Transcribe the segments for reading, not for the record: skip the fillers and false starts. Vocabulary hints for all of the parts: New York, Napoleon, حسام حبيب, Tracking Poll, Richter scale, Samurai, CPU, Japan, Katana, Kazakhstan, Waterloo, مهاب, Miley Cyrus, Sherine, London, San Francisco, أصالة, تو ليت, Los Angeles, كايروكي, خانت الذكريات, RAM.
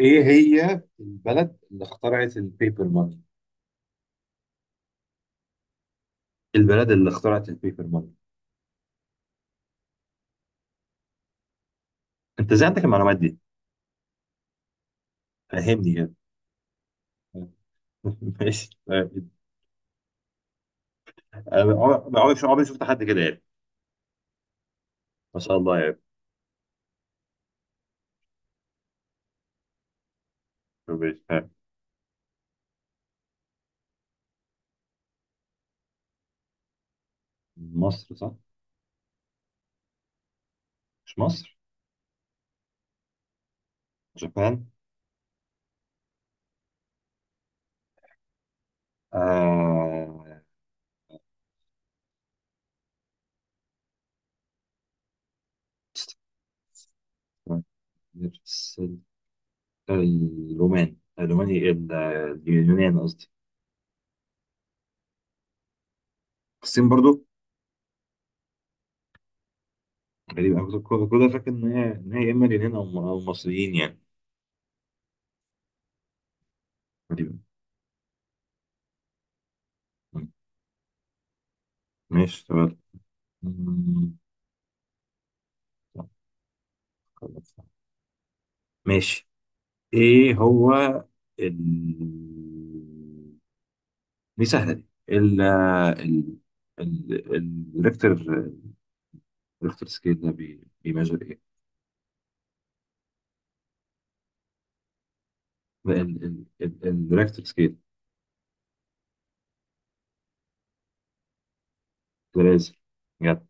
ايه هي البلد اللي اخترعت البيبر ماني؟ البلد اللي اخترعت البيبر ماني. انت ازاي عندك المعلومات دي؟ فهمني كده. ماشي طيب. انا عمري عمري عمري شفت حد كده، يعني ما شاء الله، يعني ماشي. ها. مصر، صح؟ مش مصر. جابان. آه... نفس الرومان إيه؟ اليونان قصدي. الصين برضو. غريبة، انا كنت فاكر ان هي اما اليونان او أو مصريين يعني. غريبة. ماشي تمام. مم. ماشي. ايه هو ال... دي سهله دي ال- الريكتر. الريكتر سكيل ده بيميجر ايه؟ ال... ال... ال... الريكتر سكيل. بلازر؟ بجد.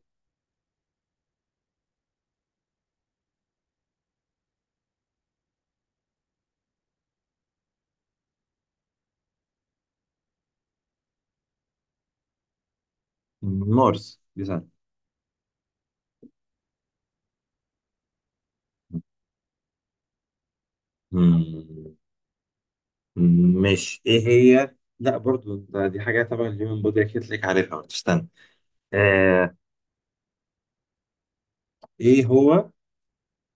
مارس، دي سهله. مم. ماشي، ايه هي؟ لا برضو دي حاجه تبع الهيومن بودي، اكيد لك عارفها، ما تستنى. آه... ايه هو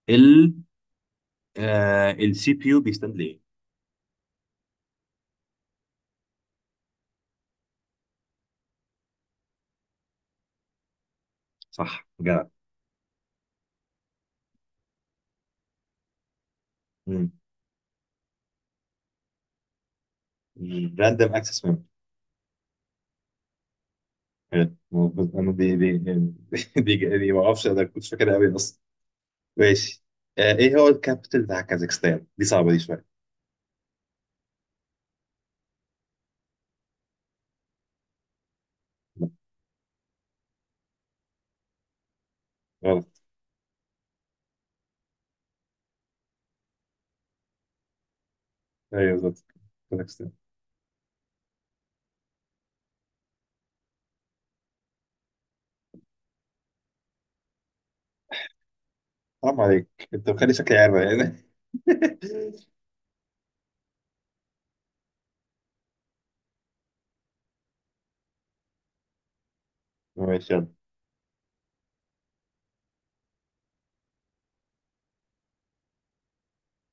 ال السي بي يو بيستند ليه؟ صح جدع. مم. راندوم اكسس ميموري. حلو موجود، انا دي ما اعرفش، انا كنت فاكرها قوي اصلا. ماشي. آه ايه هو الكابيتال بتاع كازاخستان؟ دي صعبه دي شويه. لا. غلط. ايوه بالظبط، كازاخستان. حرام عليك، انت مخلي شكلي عارف يعني. ماشي يلا.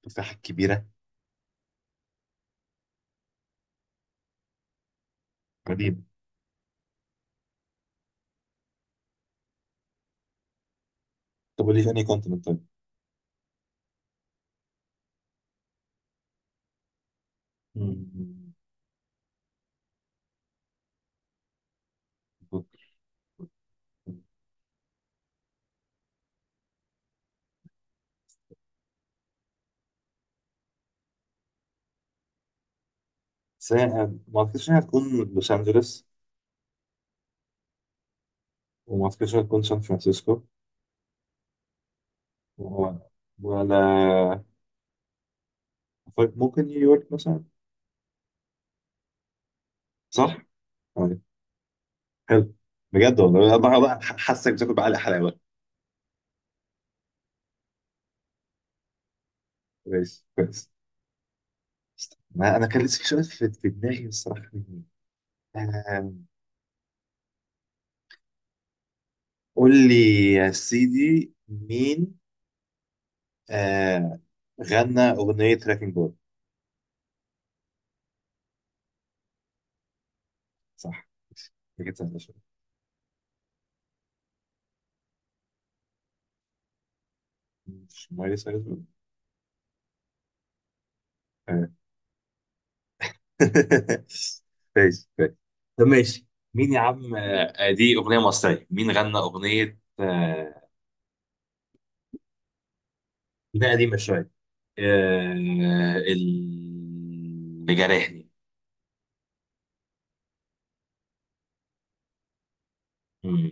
تفاحه كبيره. قديمه. طب قول لي تاني كونتيننت طيب. مم. بس هي- ما اعتقدش انها هتكون لوس انجلوس. وما اعتقدش انها هتكون سان فرانسيسكو و- ولا. طيب، ممكن نيويورك مثلا. صح؟ طيب. حلو. بجد والله، انا بقى حاسك بتاكل بعلق حلاوه. كويس كويس. ما انا كان لسه في سؤال في دماغي الصراحه. آم، قول لي يا سيدي. مين آه غنى اغنيه تراكنج بول؟ صح، كانت سهله شويه. مش مايلي سايرس بول؟ آه. كويس كويس. طب ماشي. مين يا عم، دي اغنيه مصريه، مين غنى اغنيه اغنيه قديمه شويه، آه، اللي جرحني. مم.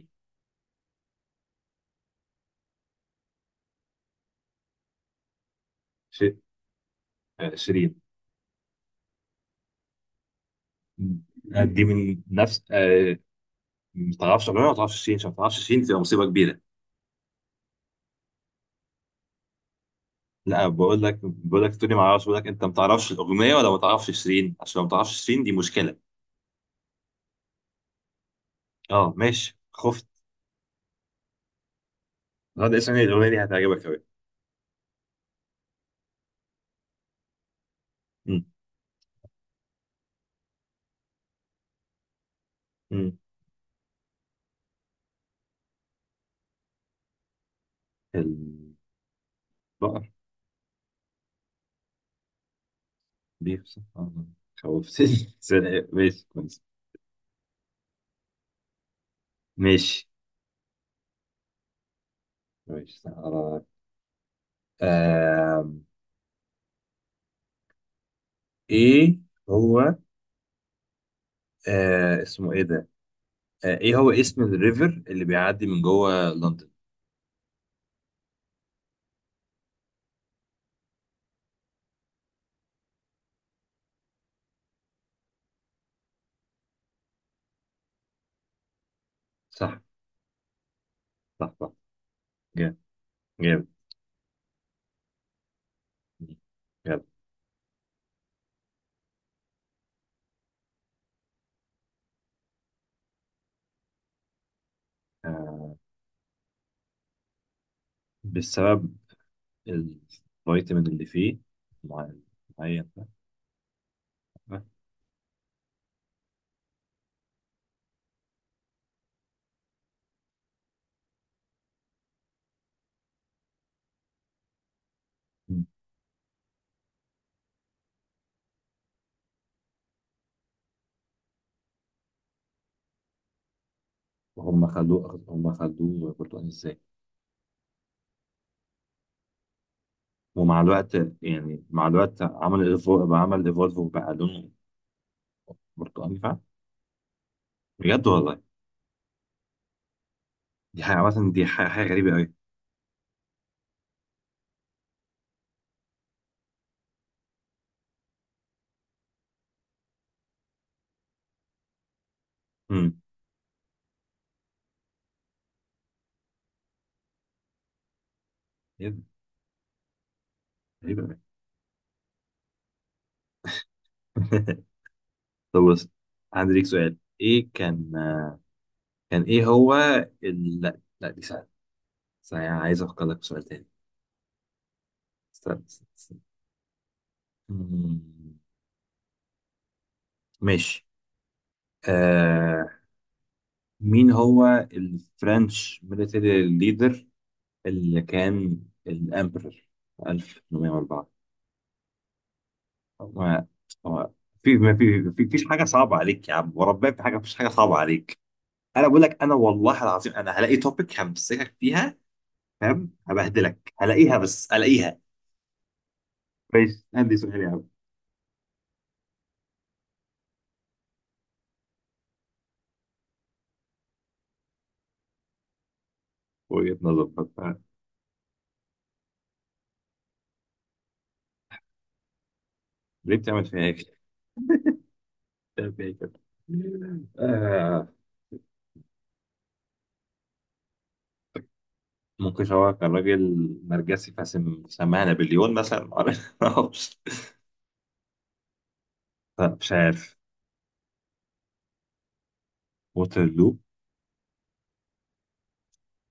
ش- شيرين. مم. دي من نفس ما تعرفش اغنيه، ما تعرفش شيرين؟ عشان ما تعرفش شيرين تبقى مصيبه كبيره. لا بقول لك، بقول لك تقولي ما اعرفش، بقول لك انت ما تعرفش الاغنيه ولا ما تعرفش شيرين؟ عشان لو ما تعرفش شيرين دي مشكله. اه ماشي، خفت. هذا اسم إيه؟ الاغنيه دي هتعجبك قوي. مم. مم. البقر. بيفصح خوفتني. ماشي كويس. ماشي. ماشي. آه. ايه هو، اسمه ايه ده، ايه هو اسم الريفر اللي بيعدي من جوه لندن؟ صح. صح صح. جامد. جامد جامد. آه بسبب الفيتامين اللي فيه، مع- معين. هم خلوه، هم خلوه برتقاني ازاي؟ ومع الوقت، يعني مع الوقت، عمل ايفولف، عمل ايفولف، وبقى لونه برتقاني فعلا. بجد والله. دي حاجه مثلا، دي حاجه حاجة غريبه قوي. امم. غريبه قوي. طب بص، عندي ليك سؤال. ايه كان، كان ايه هو لا لا دي سهلة، بس انا عايز افكر لك في سؤال تاني. استنى استنى استنى. مم، ماشي. آه... مين هو الفرنش ميليتري ليدر اللي كان الامبرر 1804؟ هو. هو. في ما في ما في في- فيش حاجة صعبة عليك يا عم وربنا، في حاجة مفيش حاجة صعبة عليك. انا بقول لك، انا والله العظيم، انا هلاقي توبيك همسكك فيها، فاهم؟ هبهدلك، هلاقيها، بس هلاقيها. ماشي، عندي سؤال يا عم. وجهة نظر بقى. ليه بتعمل فيها هيك؟ بتعمل فيها هيك؟ آه ممكن هو كان راجل نرجسي فسم سماها نابليون مثلا. معرفش. لا، مش عارف. ووترلو.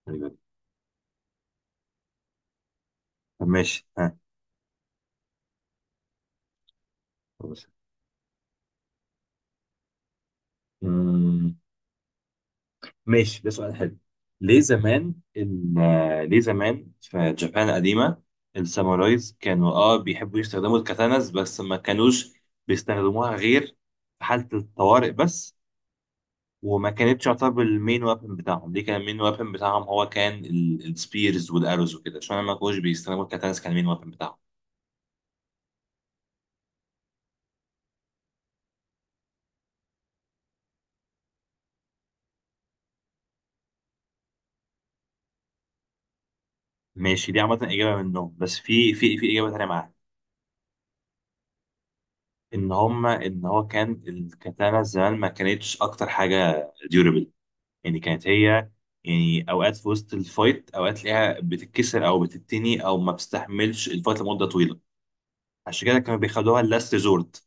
تقريبا. طب ماشي. ها. خلاص. مم، ماشي، ده سؤال حلو. ليه زمان ليه زمان في جابان القديمة السامورايز كانوا اه بيحبوا يستخدموا الكاتاناز، بس ما كانوش بيستخدموها غير في حالة الطوارئ بس. وما كانتش تعتبر المين وابن بتاعهم، دي كان المين وابن بتاعهم هو كان السبيرز والاروز وكده، عشان ما كانوش بيستخدموا الكاتانس. كان المين وابن بتاعهم. ماشي، دي عامة إجابة منهم، بس في إجابة تانية معاها، إن هما إن هو كان الكاتانا زمان ما كانتش أكتر حاجة ديورابل. يعني كانت هي يعني أوقات في وسط الفايت، أوقات تلاقيها بتتكسر أو بتتني أو ما بتستحملش الفايت لمدة طويلة. عشان كده كانوا بيخدوها اللاست ريزورت.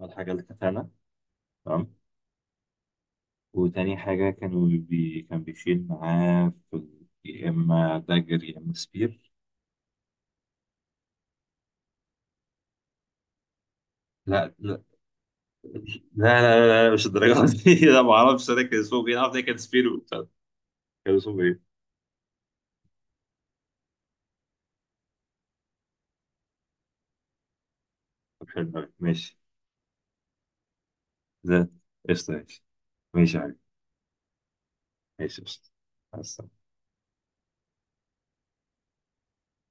الحاجة الكاتانا، تمام. وتاني حاجة كانوا كان بيشيل معاه في يا إما دagger يا إما سبير. لا لا. لا لا, لا, لا مش الدرجة دي. أنا ما أعرفش أنا كان اسمه إيه، أنا عارف إن كان سبير وبتاع. كان اسمه إيه؟ طب حلو أوي. ماشي. ده قشطة. ماشي. ماشي يا حبيبي. ماشي قشطة. مع السلامة.